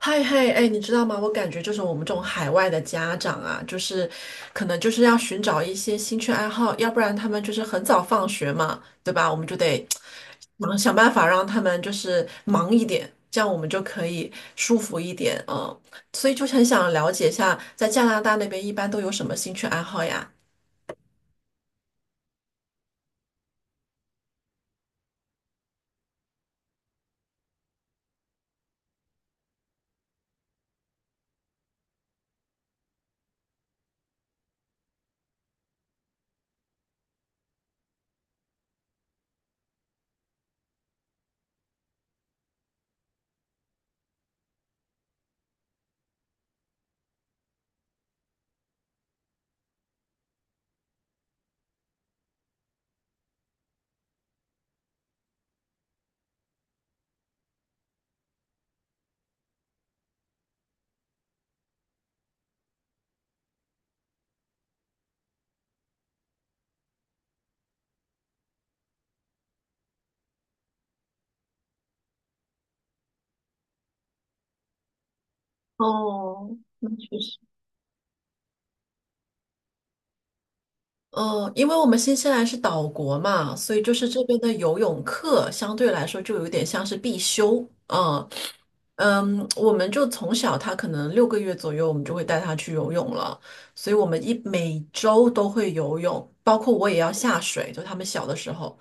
嗨嗨，哎，你知道吗？我感觉就是我们这种海外的家长啊，就是可能就是要寻找一些兴趣爱好，要不然他们就是很早放学嘛，对吧？我们就得想想办法让他们就是忙一点，这样我们就可以舒服一点，嗯。所以就很想了解一下，在加拿大那边一般都有什么兴趣爱好呀？哦，那确实。嗯，因为我们新西兰是岛国嘛，所以就是这边的游泳课相对来说就有点像是必修。嗯，嗯，我们就从小他可能6个月左右，我们就会带他去游泳了，所以我们一每周都会游泳，包括我也要下水，就他们小的时候。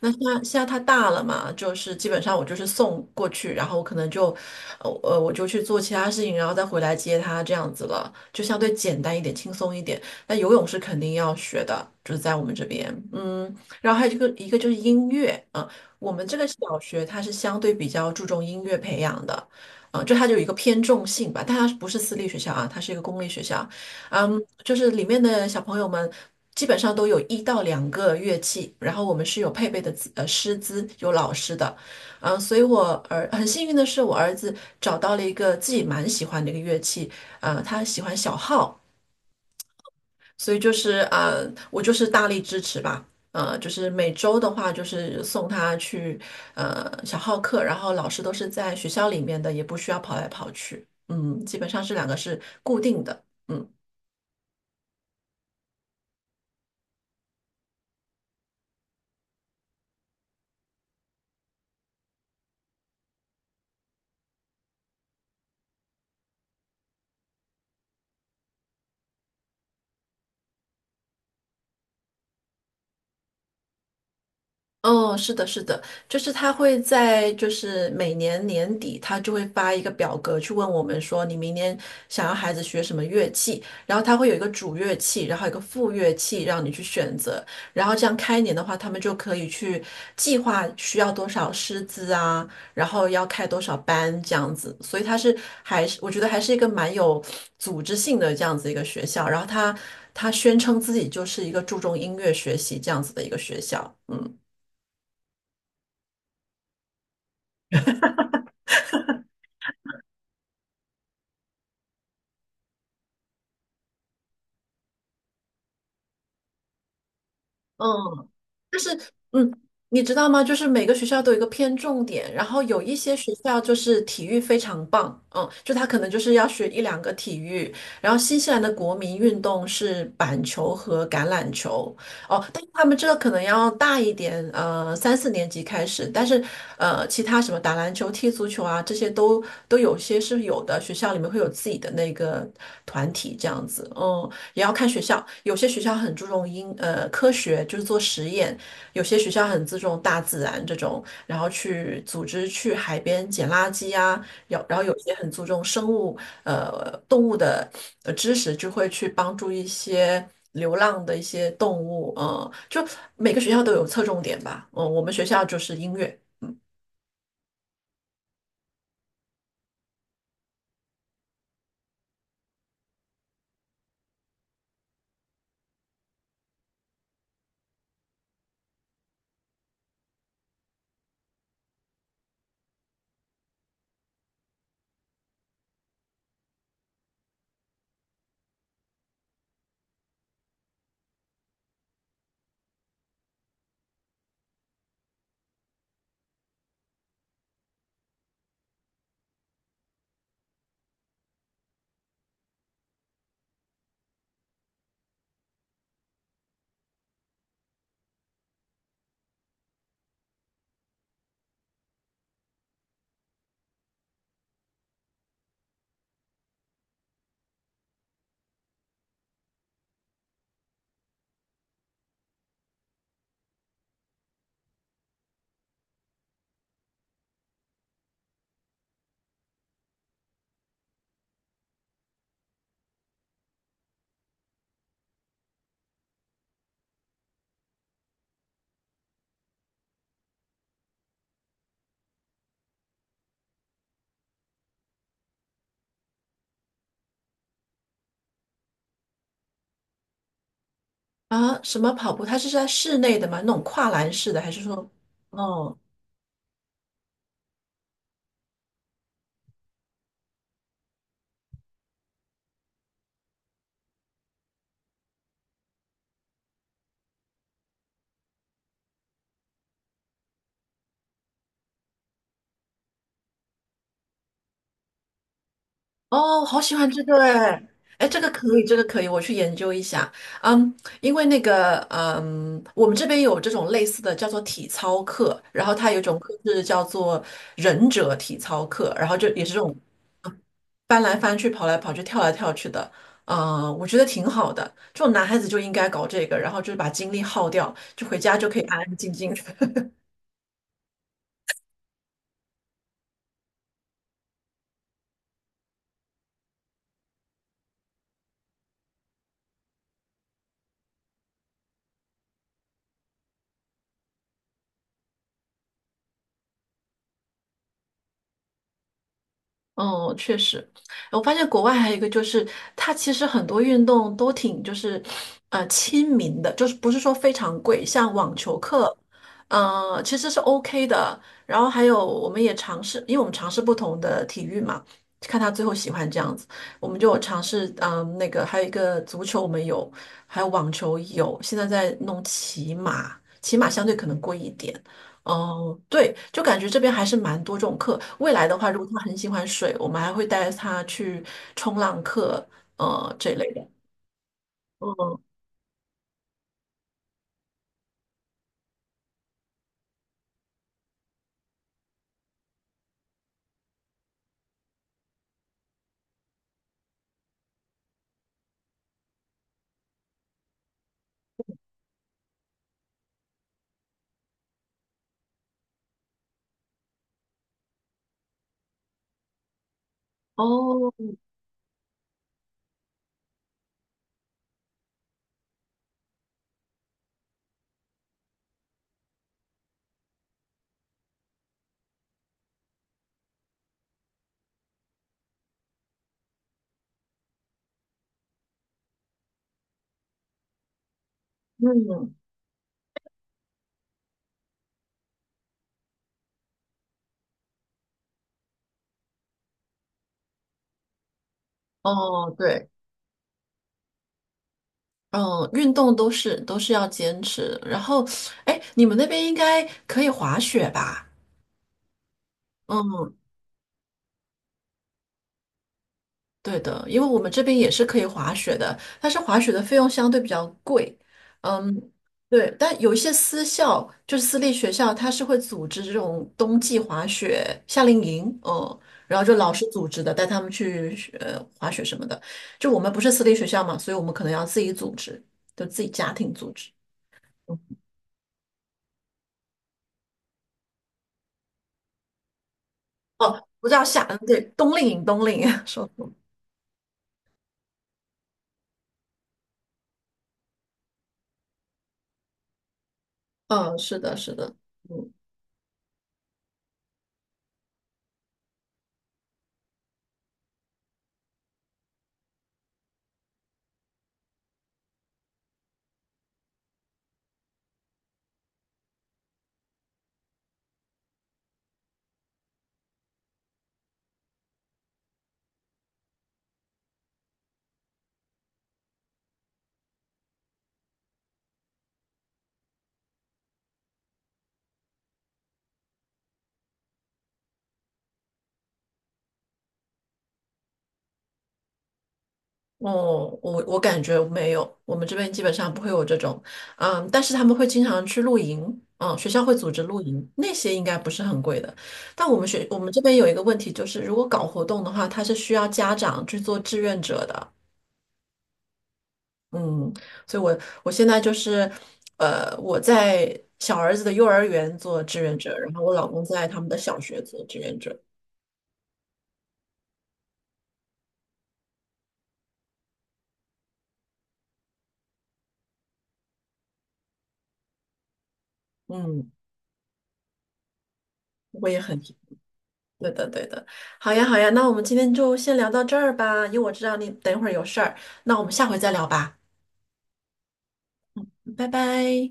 那现在他大了嘛，就是基本上我就是送过去，然后我可能就，我就去做其他事情，然后再回来接他这样子了，就相对简单一点，轻松一点。那游泳是肯定要学的，就是在我们这边，嗯，然后还有一个就是音乐，啊，我们这个小学它是相对比较注重音乐培养的。嗯，就它就有一个偏重性吧，但它不是私立学校啊，它是一个公立学校，嗯，就是里面的小朋友们基本上都有一到两个乐器，然后我们是有配备的师资，有老师的，嗯，所以很幸运的是，我儿子找到了一个自己蛮喜欢的一个乐器，呃，他喜欢小号。所以就是我就是大力支持吧。就是每周的话，就是送他去小号课，然后老师都是在学校里面的，也不需要跑来跑去。嗯，基本上这两个是固定的。嗯。哦，是的，是的，就是他会在就是每年年底，他就会发一个表格去问我们说，你明年想要孩子学什么乐器，然后他会有一个主乐器，然后有一个副乐器让你去选择，然后这样开年的话，他们就可以去计划需要多少师资啊，然后要开多少班这样子，所以他是还是我觉得还是一个蛮有组织性的这样子一个学校，然后他宣称自己就是一个注重音乐学习这样子的一个学校，嗯。嗯，就是嗯，你知道吗？就是每个学校都有一个偏重点，然后有一些学校就是体育非常棒，嗯，就他可能就是要学一两个体育，然后新西兰的国民运动是板球和橄榄球，哦，但他们这个可能要大一点，呃，三四年级开始，但是其他什么打篮球、踢足球啊，这些都有些是有的，学校里面会有自己的那个团体这样子，嗯，也要看学校，有些学校很注重科学，就是做实验，有些学校很重大自然这种，去去组织海边捡垃圾啊有，然后有些很注重生物动物的知识，就会去帮助一些流浪的一些动物，嗯，就每个学校都有侧重点吧，嗯，我们学校就是音乐啊，什么跑步，它是在室内的吗？那种跨栏式的，还是说，嗯。哦，好喜欢这个哎，哎，这个可以，这个可以，我去研究一下。嗯，因为那个，嗯，我们这边有这种类似的叫做体操课，然后它有一种课是叫做忍者体操课，然后就也是这种翻来翻去、跑来跑去、跳来跳去的。嗯，我觉得挺好的，这种男孩子就应该搞这个，然后就是把精力耗掉，就回家就可以安安静静的。哦，确实，我发现国外还有一个就是，它其实很多运动都挺就是，呃，亲民的，就是不是说非常贵，像网球课，其实是 OK 的。然后还有我们也尝试，因为我们尝试不同的体育嘛，看他最后喜欢这样子，我们就有尝试，嗯、那个还有一个足球我们有，还有网球有，现在在弄骑马，骑马相对可能贵一点。哦，对，就感觉这边还是蛮多这种课。未来的话，如果他很喜欢水，我们还会带他去冲浪课，呃，这类的。嗯，哦，嗯，哦，对，嗯，运动都是要坚持。然后，哎，你们那边应该可以滑雪吧？嗯，对的，因为我们这边也是可以滑雪的，但是滑雪的费用相对比较贵。嗯，对，但有一些私校，就是私立学校，它是会组织这种冬季滑雪夏令营，嗯，然后就老师组织的，带他们去滑雪什么的。就我们不是私立学校嘛，所以我们可能要自己组织，就自己家庭组织。嗯哦，不叫夏，嗯对，冬令营，冬令营，说错，嗯，是的，是的，嗯。哦，我我感觉没有，我们这边基本上不会有这种，嗯，但是他们会经常去露营，嗯，学校会组织露营，那些应该不是很贵的。但我们这边有一个问题，就是如果搞活动的话，它是需要家长去做志愿者的，嗯，所以我现在就是，呃，我在小儿子的幼儿园做志愿者，然后我老公在他们的小学做志愿者，嗯，我也很。对的，对的。好呀，好呀，那我们今天就先聊到这儿吧，因为我知道你等一会儿有事儿，那我们下回再聊吧，拜拜。